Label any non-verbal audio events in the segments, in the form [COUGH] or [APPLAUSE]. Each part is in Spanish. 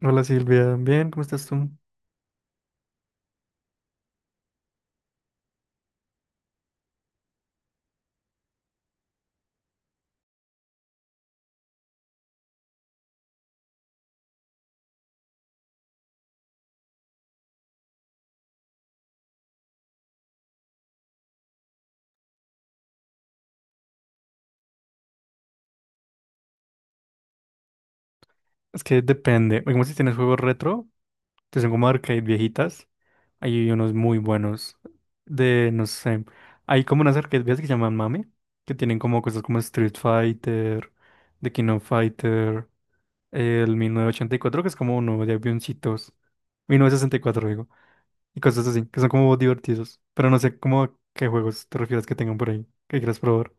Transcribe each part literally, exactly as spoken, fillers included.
Hola Silvia, bien, ¿cómo estás tú? Es que depende, como si tienes juegos retro, que son como arcade viejitas, hay unos muy buenos de, no sé, hay como unas arcade viejas que se llaman Mame, que tienen como cosas como Street Fighter, The King of Fighter, el mil novecientos ochenta y cuatro, que es como uno de avioncitos, mil novecientos sesenta y cuatro digo, y cosas así, que son como divertidos, pero no sé cómo a qué juegos te refieres que tengan por ahí, que quieras probar.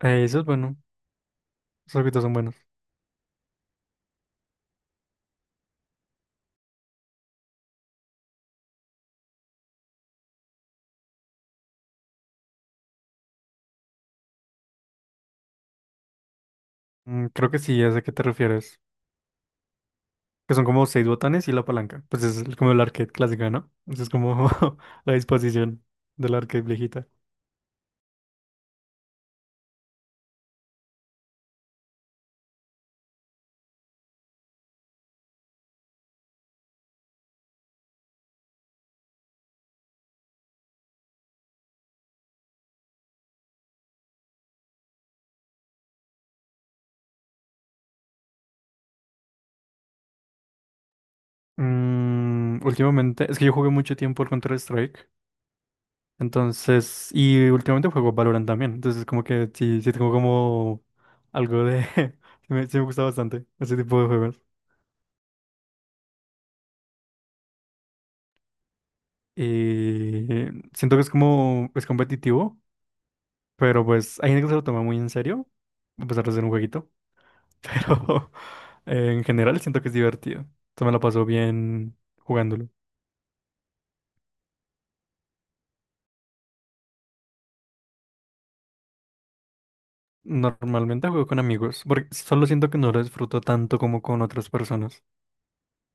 Eh, eso es bueno, esos juegos son buenos. Mm, creo que sí, ya sé a qué te refieres. Que son como seis botones y la palanca. Pues es como el arcade clásica, ¿no? Esa es como [LAUGHS] la disposición del arcade viejita. Mm, últimamente, es que yo jugué mucho tiempo el Counter-Strike. Entonces, y últimamente juego Valorant también. Entonces, como que sí, sí tengo como algo de... [LAUGHS] sí me, sí me gusta bastante ese tipo de juegos. Y siento que es como, es competitivo, pero pues hay gente que se lo toma muy en serio, a pesar de ser un jueguito. Pero [LAUGHS] eh, en general siento que es divertido. Se me la paso bien jugándolo. Normalmente juego con amigos, porque solo siento que no lo disfruto tanto como con otras personas.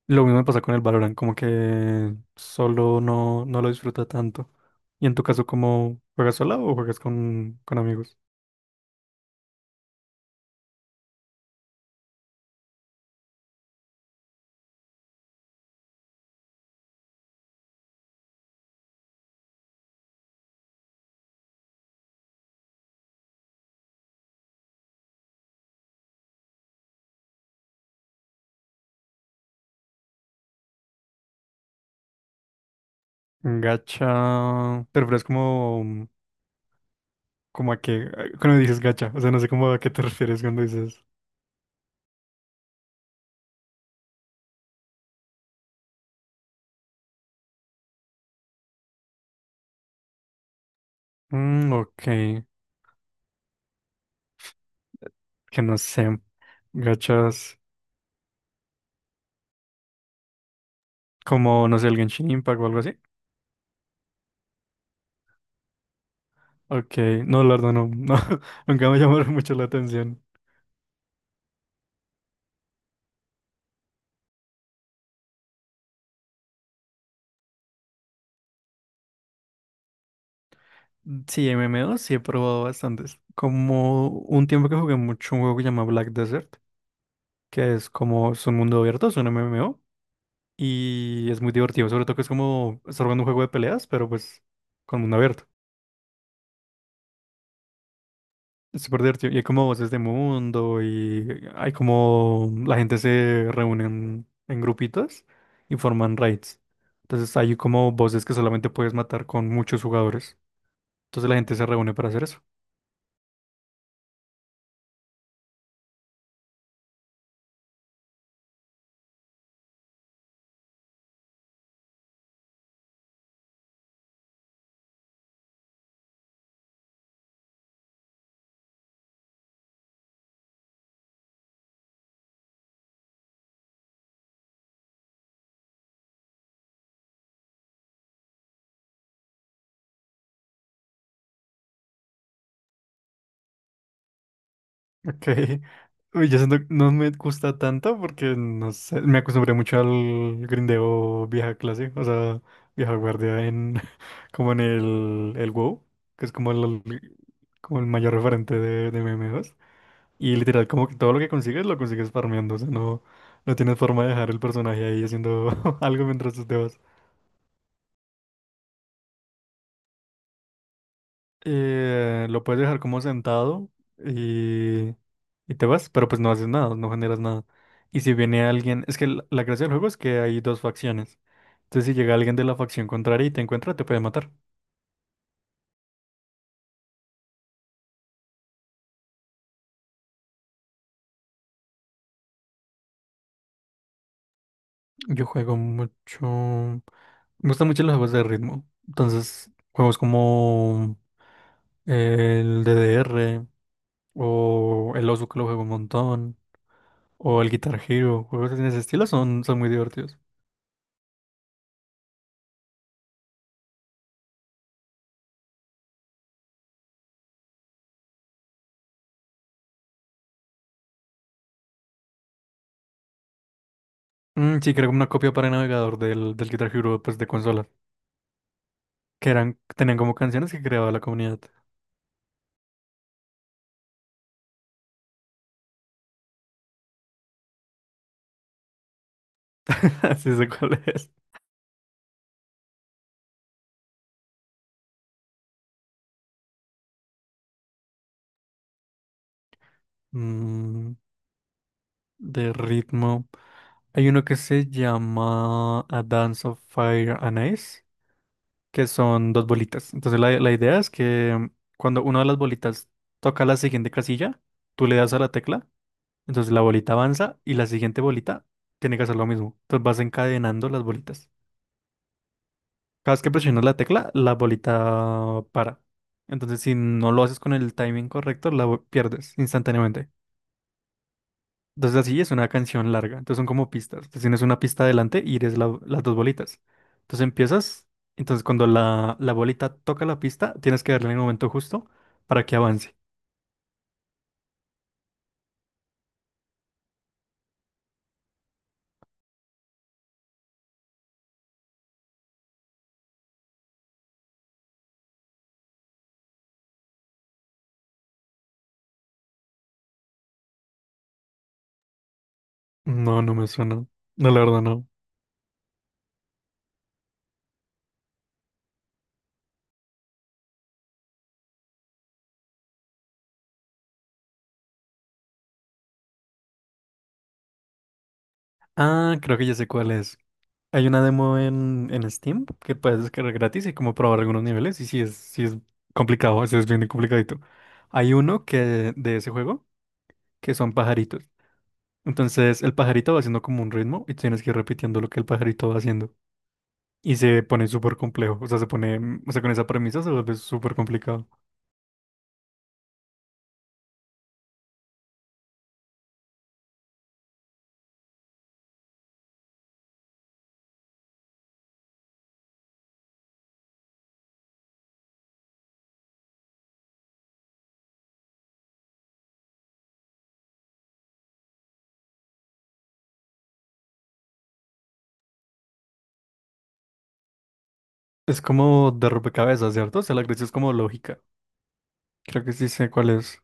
Lo mismo me pasa con el Valorant, como que solo no, no lo disfruta tanto. ¿Y en tu caso, cómo juegas sola o juegas con, con amigos? Gacha, te refieres como, ¿como a qué? Ah, cuando dices gacha, o sea, no sé cómo a qué te refieres cuando dices, mm, ok, que no sé, gachas. Como, no sé, el Genshin Impact o algo así. Ok, no, la verdad, no, no, [LAUGHS] nunca me llamaron mucho la atención. Sí, M M O sí he probado bastantes. Como un tiempo que jugué mucho un juego que se llama Black Desert, que es como, es un mundo abierto, es un M M O, y es muy divertido, sobre todo que es como estar jugando un juego de peleas, pero pues con mundo abierto. Es súper divertido. Y hay como voces de mundo y hay como la gente se reúne en, en grupitos y forman raids. Entonces hay como voces que solamente puedes matar con muchos jugadores. Entonces la gente se reúne para hacer eso. [LAUGHS] Ok. Uy, yo siento que no me gusta tanto porque no sé, me acostumbré mucho al grindeo vieja clase, o sea, vieja guardia en [LAUGHS] como en el, el WoW, que es como el, como el mayor referente de, de M M Os. Y literal, como que todo lo que consigues lo consigues farmeando. O sea, no, no tienes forma de dejar el personaje ahí haciendo [LAUGHS] algo mientras tú te vas. Eh, lo puedes dejar como sentado y, y te vas, pero pues no haces nada, no generas nada. Y si viene alguien, es que la, la gracia del juego es que hay dos facciones. Entonces, si llega alguien de la facción contraria y te encuentra, te puede matar. Yo juego mucho. Me gustan mucho los juegos de ritmo. Entonces, juegos como el D D R, o el Osu que lo juego un montón, o el Guitar Hero, juegos en ese estilo son, son muy divertidos. Mm, sí, creo que una copia para navegador del, del Guitar Hero pues, de consola, que eran, tenían como canciones que creaba la comunidad. [LAUGHS] Así sé cuál es. Mm, de ritmo. Hay uno que se llama A Dance of Fire and Ice, que son dos bolitas. Entonces la, la idea es que mm, cuando una de las bolitas toca la siguiente casilla, tú le das a la tecla. Entonces la bolita avanza y la siguiente bolita tiene que hacer lo mismo. Entonces vas encadenando las bolitas. Cada vez que presionas la tecla, la bolita para. Entonces si no lo haces con el timing correcto, la bo- pierdes instantáneamente. Entonces así es una canción larga. Entonces son como pistas. Entonces tienes una pista adelante y eres la- las dos bolitas. Entonces empiezas. Entonces cuando la, la bolita toca la pista, tienes que darle en el momento justo para que avance. No, no me suena. No, la verdad no. Ah, creo que ya sé cuál es. Hay una demo en, en Steam que puedes descargar gratis y como probar algunos niveles. Y sí es, sí es complicado, o es bien complicadito. Hay uno que de ese juego que son pajaritos. Entonces el pajarito va haciendo como un ritmo y tienes que ir repitiendo lo que el pajarito va haciendo. Y se pone súper complejo. O sea, se pone, mm, o sea, con esa premisa se vuelve súper complicado. Es como de rompecabezas, ¿cierto? O sea, la gracia es como lógica. Creo que sí sé cuál es.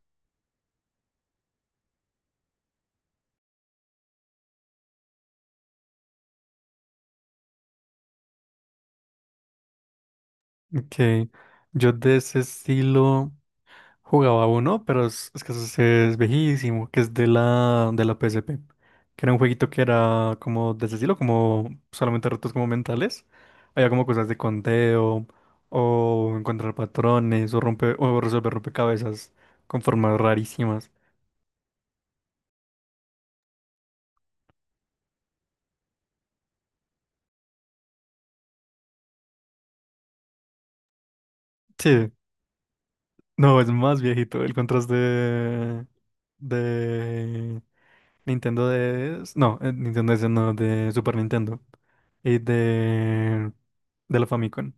Ok. Yo de ese estilo. Jugaba uno, pero es, es que eso sí es viejísimo, que es de la, de la P S P. Que era un jueguito que era como de ese estilo, como solamente retos como mentales. Había como cosas de conteo, o encontrar patrones, o romper, o resolver rompecabezas con formas rarísimas. Sí. No, es más viejito. El contraste de, de Nintendo de No, eh, Nintendo D S no, de Super Nintendo. Y de, de la Famicom.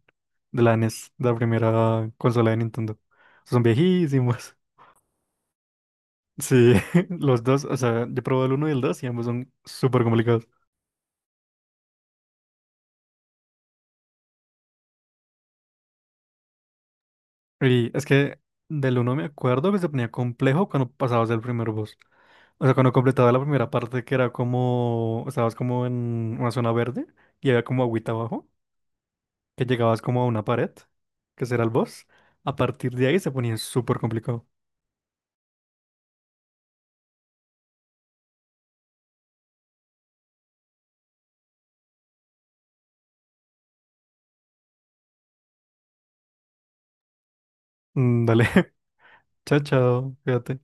De la N E S, de la primera consola de Nintendo. Son viejísimos. Sí, [LAUGHS] los dos, o sea, yo probé el uno y el dos y ambos son súper complicados. Y es que del uno me acuerdo que se ponía complejo cuando pasabas el primer boss. O sea, cuando completaba la primera parte que era como, estabas como en una zona verde y había como agüita abajo, que llegabas como a una pared, que será el boss. A partir de ahí se ponía súper complicado. Mm, dale, [LAUGHS] chao, chao, fíjate.